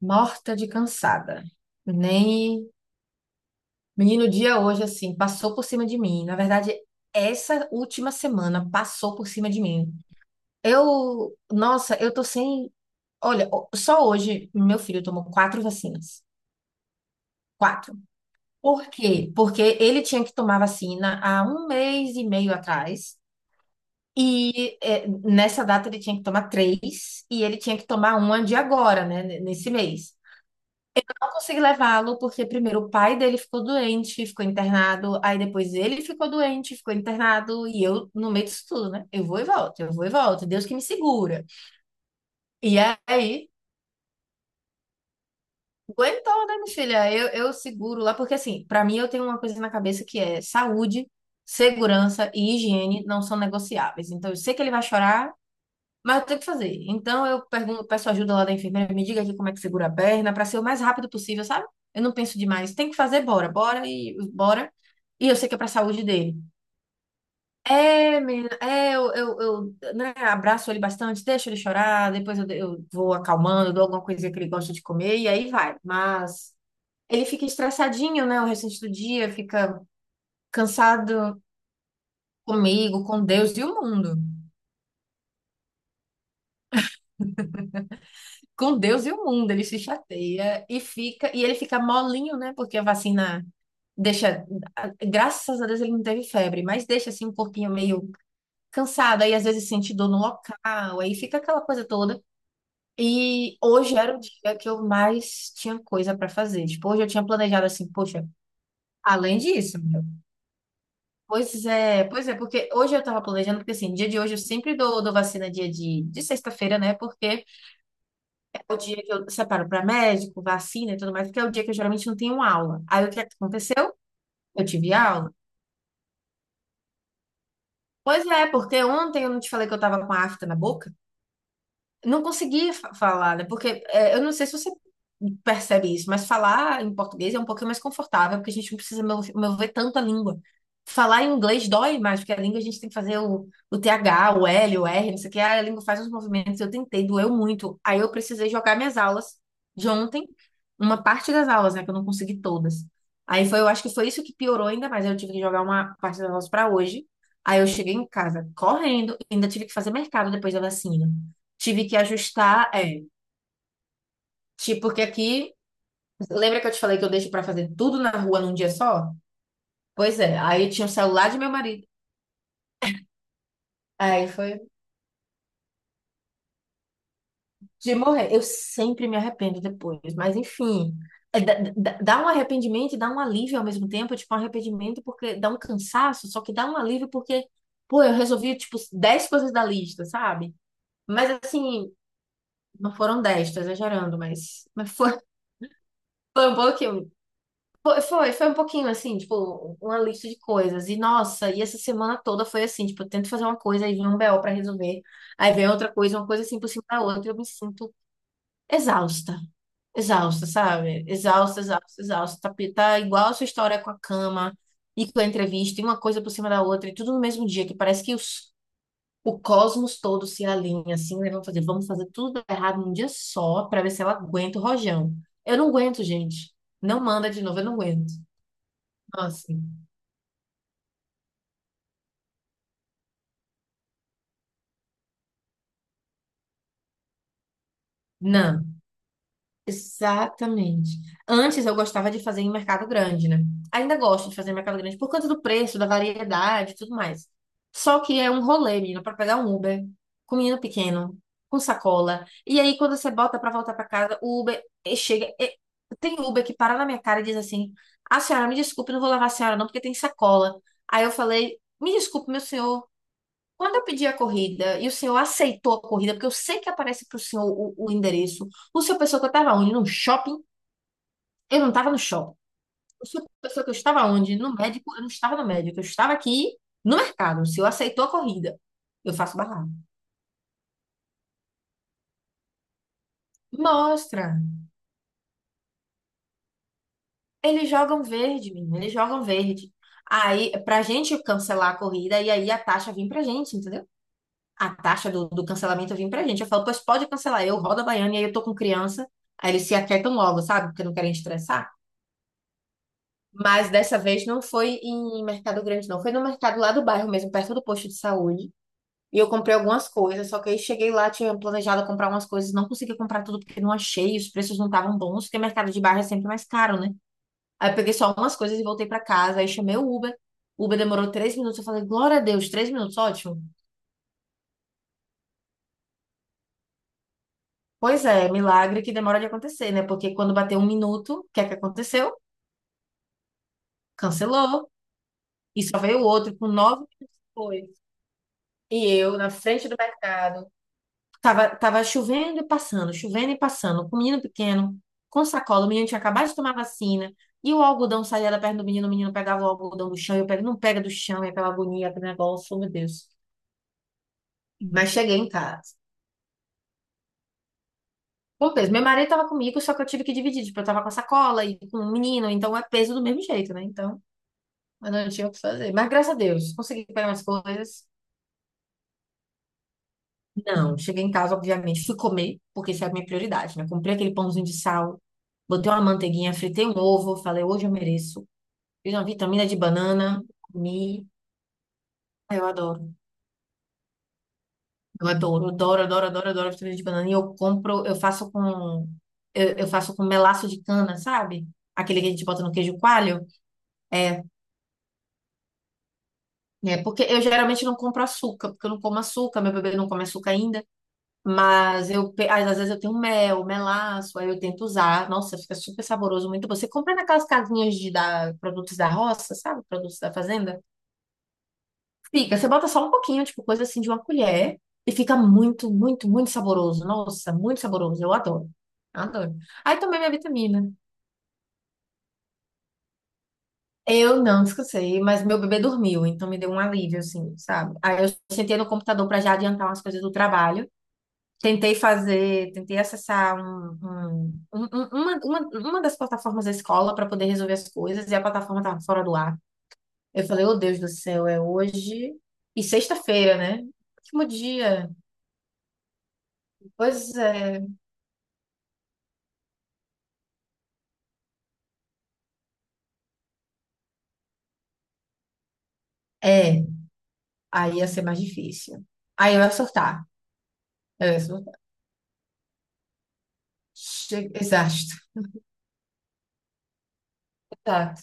Morta de cansada. Nem. Menino, o dia hoje, assim, passou por cima de mim. Na verdade, essa última semana passou por cima de mim. Eu. Nossa, eu tô sem. Olha, só hoje meu filho tomou quatro vacinas. Quatro. Por quê? Porque ele tinha que tomar vacina há um mês e meio atrás. E nessa data ele tinha que tomar três. E ele tinha que tomar uma de agora, né? Nesse mês. Consegui levá-lo, porque primeiro o pai dele ficou doente, ficou internado, aí depois ele ficou doente, ficou internado, e eu no meio disso tudo, né? Eu vou e volto, eu vou e volto, Deus que me segura. E aí, aguentou, né, minha filha? Eu seguro lá, porque assim, pra mim eu tenho uma coisa na cabeça que é saúde, segurança e higiene não são negociáveis. Então eu sei que ele vai chorar, mas eu tenho que fazer. Então eu pergunto, peço ajuda lá da enfermeira, me diga aqui como é que segura a perna, para ser o mais rápido possível, sabe? Eu não penso demais. Tem que fazer, bora, bora e bora. E eu sei que é para a saúde dele. É, menina, é, eu, né, abraço ele bastante, deixo ele chorar, depois eu vou acalmando, dou alguma coisinha que ele gosta de comer e aí vai. Mas ele fica estressadinho, né, o restante do dia, fica cansado comigo, com Deus e o mundo. Com Deus e o mundo, ele se chateia e fica, e ele fica molinho, né? Porque a vacina deixa, graças a Deus ele não teve febre, mas deixa assim um corpinho meio cansado, aí às vezes sente dor no local, aí fica aquela coisa toda. E hoje era o dia que eu mais tinha coisa para fazer. Tipo, hoje eu tinha planejado assim, poxa, além disso, meu, pois é, porque hoje eu tava planejando, porque assim, dia de hoje eu sempre dou vacina dia de sexta-feira, né? Porque é o dia que eu separo para médico, vacina e tudo mais, porque é o dia que eu geralmente não tenho aula. Aí o que aconteceu? Eu tive aula. Pois é, porque ontem eu não te falei que eu tava com a afta na boca? Não conseguia falar, né? Porque é, eu não sei se você percebe isso, mas falar em português é um pouquinho mais confortável, porque a gente não precisa mover tanta língua. Falar em inglês dói mais, porque a língua a gente tem que fazer o, TH, o L, o R, não sei o que, a língua faz uns movimentos, eu tentei, doeu muito. Aí eu precisei jogar minhas aulas de ontem, uma parte das aulas, né, que eu não consegui todas. Aí foi, eu acho que foi isso que piorou ainda mais, eu tive que jogar uma parte das aulas para hoje. Aí eu cheguei em casa correndo, ainda tive que fazer mercado depois da vacina. Tive que ajustar, é. Tipo, porque aqui, lembra que eu te falei que eu deixo pra fazer tudo na rua num dia só? Pois é, aí tinha o celular de meu marido. Aí foi de morrer. Eu sempre me arrependo depois, mas enfim. É, dá, dá um arrependimento e dá um alívio ao mesmo tempo, tipo, um arrependimento porque dá um cansaço, só que dá um alívio porque, pô, eu resolvi, tipo, 10 coisas da lista, sabe? Mas assim, não foram 10 tô exagerando, mas foi, foi um pouquinho. Foi um pouquinho assim, tipo, uma lista de coisas. E nossa, e essa semana toda foi assim, tipo, eu tento fazer uma coisa aí vem um BO pra resolver. Aí vem outra coisa, uma coisa assim por cima da outra, eu me sinto exausta. Exausta, sabe? Exausta, exausta, exausta. Tá, tá igual a sua história com a cama e com a entrevista, e uma coisa por cima da outra, e tudo no mesmo dia, que parece que os, o cosmos todo se alinha assim, né? Vamos fazer tudo errado num dia só pra ver se ela aguenta o rojão. Eu não aguento, gente. Não manda de novo, eu não aguento. Nossa. Não, exatamente. Antes eu gostava de fazer em mercado grande, né? Ainda gosto de fazer em mercado grande por conta do preço, da variedade e tudo mais. Só que é um rolê, menina, para pegar um Uber com um menino pequeno, com sacola. E aí quando você bota para voltar para casa, o Uber chega. Tem Uber que para na minha cara e diz assim: A senhora, me desculpe, não vou levar a senhora não, porque tem sacola. Aí eu falei: Me desculpe, meu senhor. Quando eu pedi a corrida e o senhor aceitou a corrida, porque eu sei que aparece para o senhor o endereço, o senhor pensou que eu estava onde? No shopping? Eu não estava no shopping. O senhor pensou que eu estava onde? No médico? Eu não estava no médico. Eu estava aqui no mercado. O senhor aceitou a corrida. Eu faço barraco. Mostra. Eles jogam verde, menino. Eles jogam verde. Aí, pra gente cancelar a corrida, e aí a taxa vem pra gente, entendeu? A taxa do cancelamento vem pra gente. Eu falo, pois pode cancelar. Eu rodo a baiana e aí eu tô com criança. Aí eles se aquietam logo, sabe? Porque não querem estressar. Mas dessa vez não foi em Mercado Grande, não. Foi no mercado lá do bairro mesmo, perto do posto de saúde. E eu comprei algumas coisas, só que aí cheguei lá, tinha planejado comprar umas coisas, não consegui comprar tudo porque não achei, os preços não estavam bons, porque mercado de bairro é sempre mais caro, né? Aí eu peguei só umas coisas e voltei pra casa, aí chamei o Uber. O Uber demorou 3 minutos, eu falei, glória a Deus, 3 minutos, ótimo. Pois é, milagre que demora de acontecer, né? Porque quando bateu 1 minuto, o que é que aconteceu? Cancelou. E só veio outro com 9 minutos depois. E eu, na frente do mercado, tava, tava chovendo e passando, com o menino pequeno, com sacola, o menino tinha acabado de tomar vacina, e o algodão saía da perna do menino, o menino pegava o algodão do chão, e eu pego, não pega do chão, e aquela agonia, aquele negócio, oh, meu Deus. Mas cheguei em casa. Com peso. Meu marido tava comigo, só que eu tive que dividir, tipo, eu tava com a sacola e com o menino, então é peso do mesmo jeito, né? Então, eu não tinha o que fazer. Mas graças a Deus, consegui pegar umas coisas. Não, cheguei em casa, obviamente, fui comer, porque isso é a minha prioridade, né? Comprei aquele pãozinho de sal, botei uma manteiguinha, fritei um ovo, falei, hoje eu mereço. Fiz uma vitamina de banana, comi. Ah, eu adoro, eu adoro, adoro, adoro, adoro, adoro vitamina de banana. E eu compro, eu faço com, eu faço com melaço de cana, sabe? Aquele que a gente bota no queijo coalho. É, porque eu geralmente não compro açúcar, porque eu não como açúcar, meu bebê não come açúcar ainda. Mas eu, às vezes eu tenho mel, melaço, aí eu tento usar. Nossa, fica super saboroso, muito bom. Você compra naquelas casinhas de produtos da roça, sabe? Produtos da fazenda. Fica, você bota só um pouquinho, tipo coisa assim de uma colher, e fica muito, muito, muito saboroso. Nossa, muito saboroso. Eu adoro. Adoro. Aí tomei minha vitamina. Eu não descansei, mas meu bebê dormiu, então me deu um alívio, assim, sabe? Aí eu sentei no computador para já adiantar umas coisas do trabalho. Tentei fazer, tentei acessar um, uma das plataformas da escola para poder resolver as coisas e a plataforma estava fora do ar. Eu falei, oh Deus do céu, é hoje e sexta-feira, né? Último dia. Pois é. É, aí ia ser mais difícil. Aí eu ia surtar. Eu ia surtar. Exausto. Exato.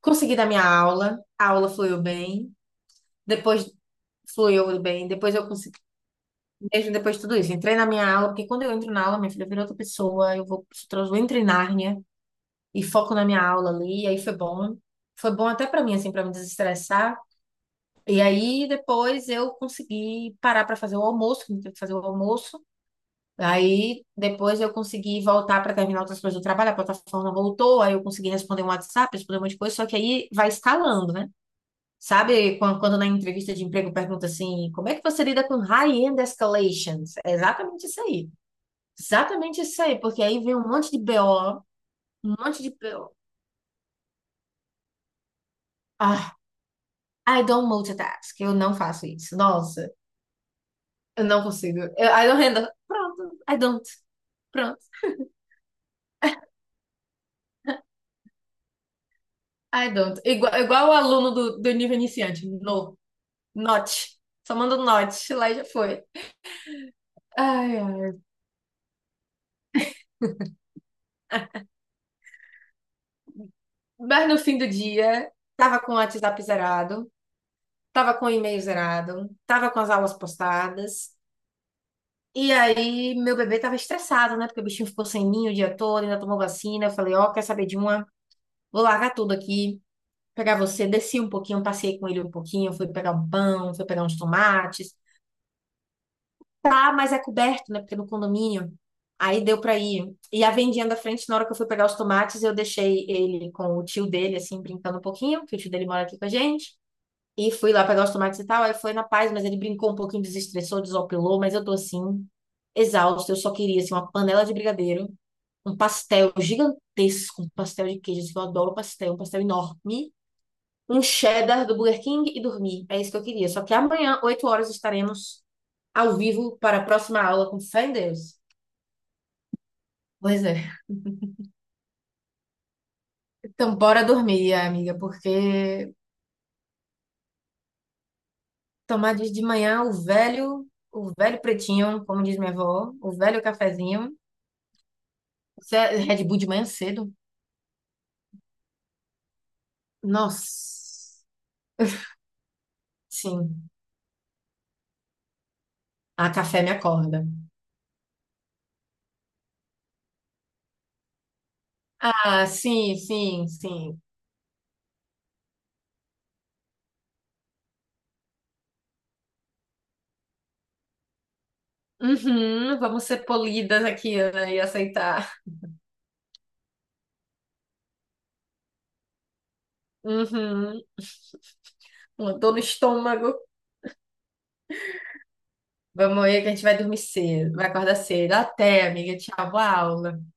Consegui dar minha aula, a aula depois fluiu bem, depois eu consegui. Mesmo depois de tudo isso, entrei na minha aula, porque quando eu entro na aula, minha filha vira outra pessoa, eu vou, eu entro em Nárnia e foco na minha aula ali, e aí foi bom. Foi bom até pra mim, assim, pra me desestressar. E aí depois eu consegui parar pra fazer o almoço, que eu tive que fazer o almoço. Aí depois eu consegui voltar pra terminar outras coisas do trabalho, a plataforma voltou, aí eu consegui responder um WhatsApp, responder um monte de coisa, só que aí vai escalando, né? Sabe quando na entrevista de emprego pergunta assim, como é que você lida com high-end escalations? É exatamente isso aí. Exatamente isso aí, porque aí vem um monte de BO, um monte de BO. Ah, I don't multitask, eu não faço isso. Nossa, eu não consigo. Eu, I don't handle. Pronto, I don't. Pronto, I don't. Igual, igual o aluno do, nível iniciante, no, not. Só manda um not, lá e já foi. Ai, ai. Mas no fim do dia, tava com o WhatsApp zerado, tava com o e-mail zerado, tava com as aulas postadas. E aí, meu bebê tava estressado, né? Porque o bichinho ficou sem mim o dia todo, ainda tomou vacina. Eu falei, ó, quer saber de uma? Vou largar tudo aqui, pegar você. Desci um pouquinho, passei com ele um pouquinho, fui pegar um pão, fui pegar uns tomates. Tá, mas é coberto, né? Porque é no condomínio. Aí deu pra ir. E a vendinha da frente, na hora que eu fui pegar os tomates, eu deixei ele com o tio dele, assim, brincando um pouquinho, porque o tio dele mora aqui com a gente. E fui lá pegar os tomates e tal. Aí foi na paz, mas ele brincou um pouquinho, desestressou, desopilou. Mas eu tô assim, exausta. Eu só queria, assim, uma panela de brigadeiro, um pastel gigantesco, um pastel de queijo, assim, que eu adoro pastel, um pastel enorme, um cheddar do Burger King e dormir. É isso que eu queria. Só que amanhã, 8 horas, estaremos ao vivo para a próxima aula, com fé em Deus. Pois é. Então, bora dormir, amiga, porque tomar de manhã o velho pretinho, como diz minha avó, o velho cafezinho. Você é Red Bull de manhã cedo? Nossa, sim. Ah, café me acorda. Ah, sim, sim, sim. Uhum, vamos ser polidas aqui, Ana, e aceitar. Uhum, uma dor no estômago. Vamos aí que a gente vai dormir cedo, vai acordar cedo. Até, amiga, tchau, boa aula.